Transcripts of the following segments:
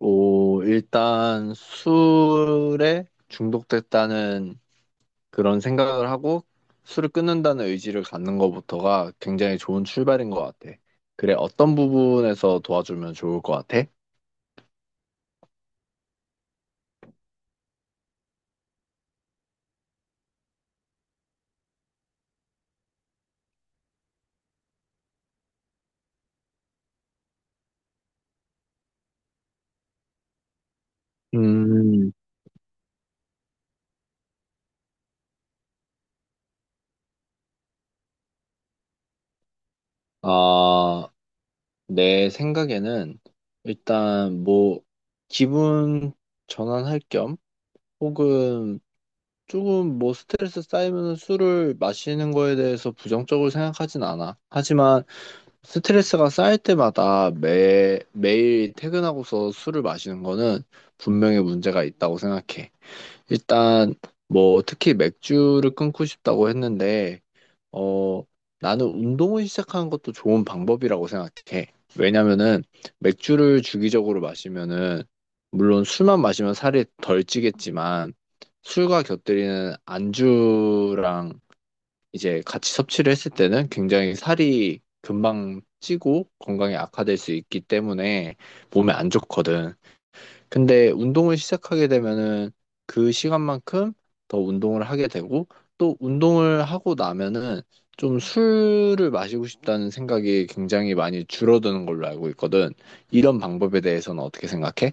오, 일단 술에 중독됐다는 그런 생각을 하고 술을 끊는다는 의지를 갖는 것부터가 굉장히 좋은 출발인 것 같아. 그래, 어떤 부분에서 도와주면 좋을 것 같아? 음, 아, 내 생각에는 일단 뭐 기분 전환할 겸 혹은 조금 뭐 스트레스 쌓이면 술을 마시는 거에 대해서 부정적으로 생각하진 않아. 하지만 스트레스가 쌓일 때마다 매일 퇴근하고서 술을 마시는 거는 분명히 문제가 있다고 생각해. 일단, 뭐, 특히 맥주를 끊고 싶다고 했는데, 어, 나는 운동을 시작하는 것도 좋은 방법이라고 생각해. 왜냐면은, 맥주를 주기적으로 마시면은, 물론 술만 마시면 살이 덜 찌겠지만, 술과 곁들이는 안주랑 이제 같이 섭취를 했을 때는 굉장히 살이 금방 찌고 건강에 악화될 수 있기 때문에 몸에 안 좋거든. 근데 운동을 시작하게 되면은 그 시간만큼 더 운동을 하게 되고 또 운동을 하고 나면은 좀 술을 마시고 싶다는 생각이 굉장히 많이 줄어드는 걸로 알고 있거든. 이런 방법에 대해서는 어떻게 생각해?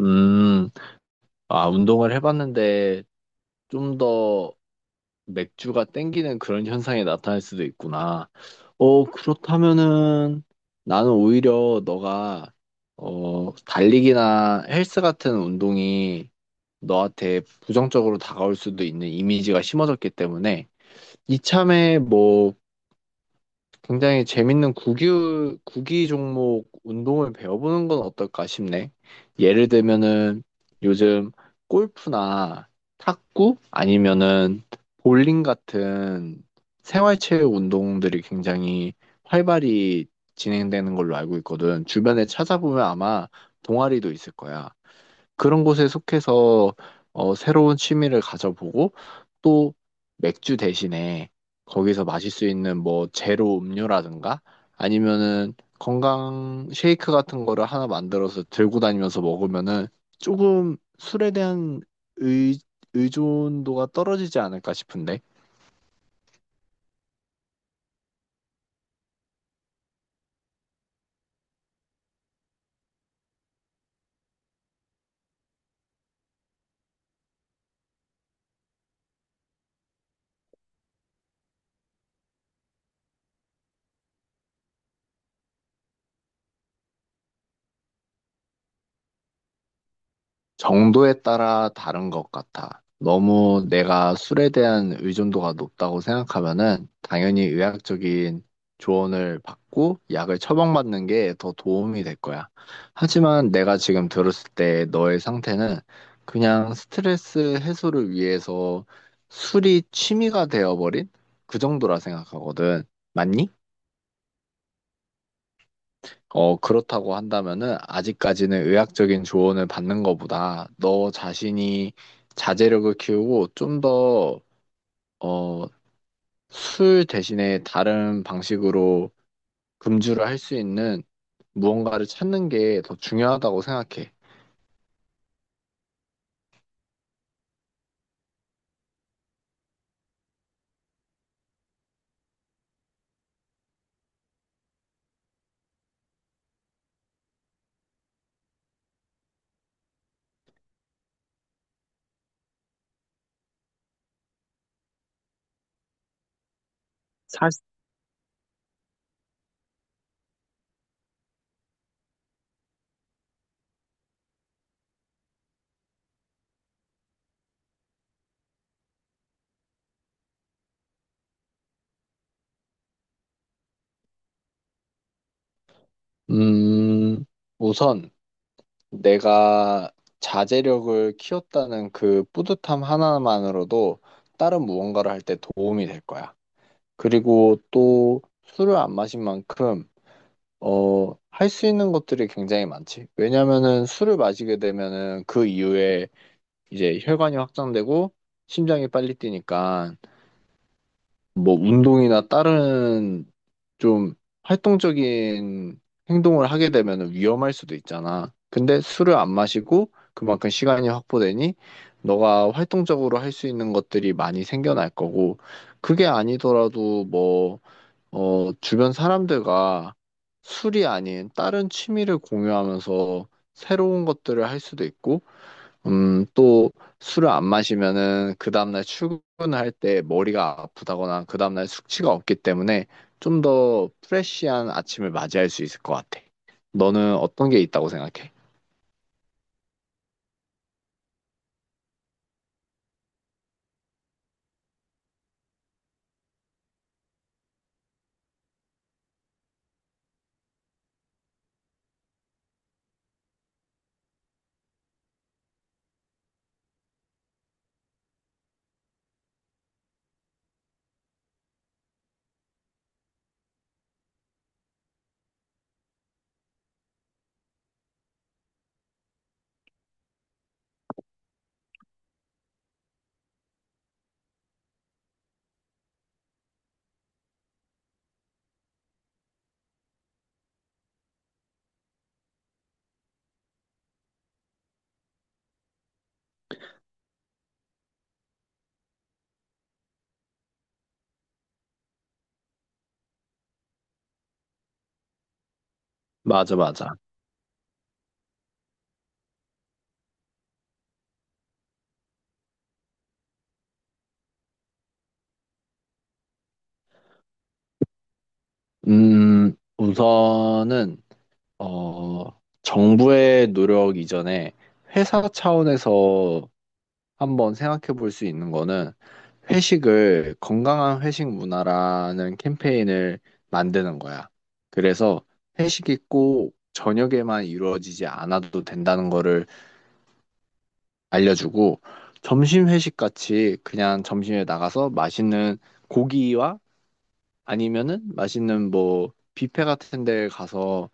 음, 운동을 해봤는데 좀더 맥주가 땡기는 그런 현상이 나타날 수도 있구나. 어, 그렇다면은 나는 오히려 너가 달리기나 헬스 같은 운동이 너한테 부정적으로 다가올 수도 있는 이미지가 심어졌기 때문에 이참에 뭐 굉장히 재밌는 구기 종목 운동을 배워보는 건 어떨까 싶네. 예를 들면은 요즘 골프나 탁구 아니면은 볼링 같은 생활체육 운동들이 굉장히 활발히 진행되는 걸로 알고 있거든. 주변에 찾아보면 아마 동아리도 있을 거야. 그런 곳에 속해서 어, 새로운 취미를 가져보고 또 맥주 대신에 거기서 마실 수 있는 뭐 제로 음료라든가 아니면은 건강 쉐이크 같은 거를 하나 만들어서 들고 다니면서 먹으면은 조금 술에 대한 의, 의존도가 떨어지지 않을까 싶은데. 정도에 따라 다른 것 같아. 너무 내가 술에 대한 의존도가 높다고 생각하면은 당연히 의학적인 조언을 받고 약을 처방받는 게 더 도움이 될 거야. 하지만 내가 지금 들었을 때 너의 상태는 그냥 스트레스 해소를 위해서 술이 취미가 되어버린 그 정도라 생각하거든. 맞니? 어, 그렇다고 한다면은 아직까지는 의학적인 조언을 받는 것보다 너 자신이 자제력을 키우고 어, 술 대신에 다른 방식으로 금주를 할 수 있는 무언가를 찾는 게 더 중요하다고 생각해. 사- 음, 우선 내가 자제력을 키웠다는 그 뿌듯함 하나만으로도 다른 무언가를 할 때 도움이 될 거야. 그리고 또 술을 안 마신 만큼 어, 할 수 있는 것들이 굉장히 많지. 왜냐면은 술을 마시게 되면은 그 이후에 이제 혈관이 확장되고 심장이 빨리 뛰니까 뭐 운동이나 다른 좀 활동적인 행동을 하게 되면은 위험할 수도 있잖아. 근데 술을 안 마시고 그만큼 시간이 확보되니 너가 활동적으로 할 수 있는 것들이 많이 생겨날 거고 그게 아니더라도 주변 사람들과 술이 아닌 다른 취미를 공유하면서 새로운 것들을 할 수도 있고, 또 술을 안 마시면은 그 다음날 출근할 때 머리가 아프다거나 그 다음날 숙취가 없기 때문에 좀 더 프레쉬한 아침을 맞이할 수 있을 것 같아. 너는 어떤 게 있다고 생각해? 맞아, 맞아. 우선은, 정부의 노력 이전에 회사 차원에서 한번 생각해 볼 수 있는 거는 회식을 건강한 회식 문화라는 캠페인을 만드는 거야. 그래서 회식이 꼭 저녁에만 이루어지지 않아도 된다는 거를 알려주고 점심 회식 같이 그냥 점심에 나가서 맛있는 고기와 아니면은 맛있는 뭐 뷔페 같은 데 가서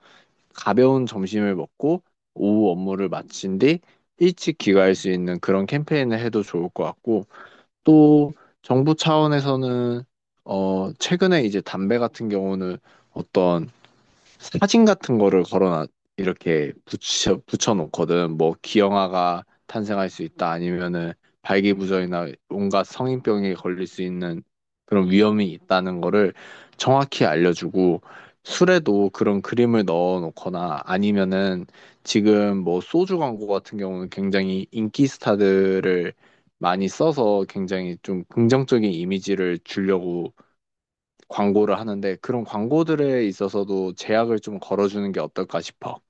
가벼운 점심을 먹고 오후 업무를 마친 뒤 일찍 귀가할 수 있는 그런 캠페인을 해도 좋을 것 같고 또 정부 차원에서는 어 최근에 이제 담배 같은 경우는 어떤 사진 같은 거를 걸어놔 이렇게 붙여놓거든. 뭐 기형아가 탄생할 수 있다 아니면은 발기부전이나 온갖 성인병에 걸릴 수 있는 그런 위험이 있다는 거를 정확히 알려주고 술에도 그런 그림을 넣어놓거나 아니면은 지금 뭐 소주 광고 같은 경우는 굉장히 인기 스타들을 많이 써서 굉장히 좀 긍정적인 이미지를 주려고 광고를 하는데 그런 광고들에 있어서도 제약을 좀 걸어주는 게 어떨까 싶어.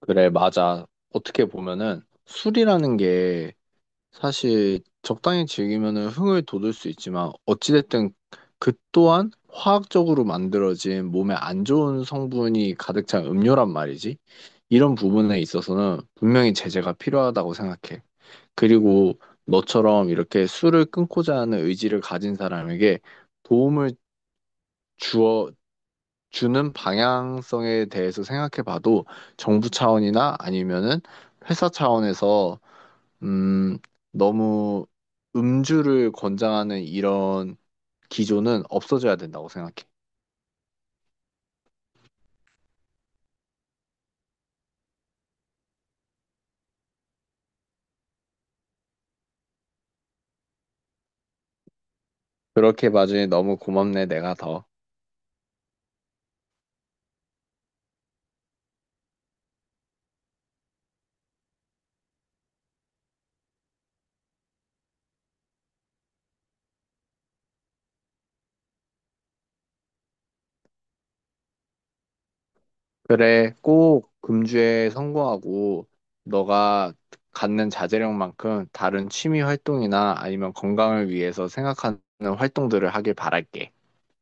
그래, 맞아. 어떻게 보면은 술이라는 게 사실 적당히 즐기면은 흥을 돋을 수 있지만 어찌됐든 그 또한 화학적으로 만들어진 몸에 안 좋은 성분이 가득 찬 음료란 말이지. 이런 부분에 있어서는 분명히 제재가 필요하다고 생각해. 그리고 너처럼 이렇게 술을 끊고자 하는 의지를 가진 사람에게 도움을 주어 주는 방향성에 대해서 생각해 봐도 정부 차원이나 아니면은 회사 차원에서 음, 너무 음주를 권장하는 이런 기조는 없어져야 된다고 생각해. 그렇게 봐주니 너무 고맙네, 내가 더. 그래, 꼭 금주에 성공하고 너가 갖는 자제력만큼 다른 취미 활동이나 아니면 건강을 위해서 생각하는 활동들을 하길 바랄게.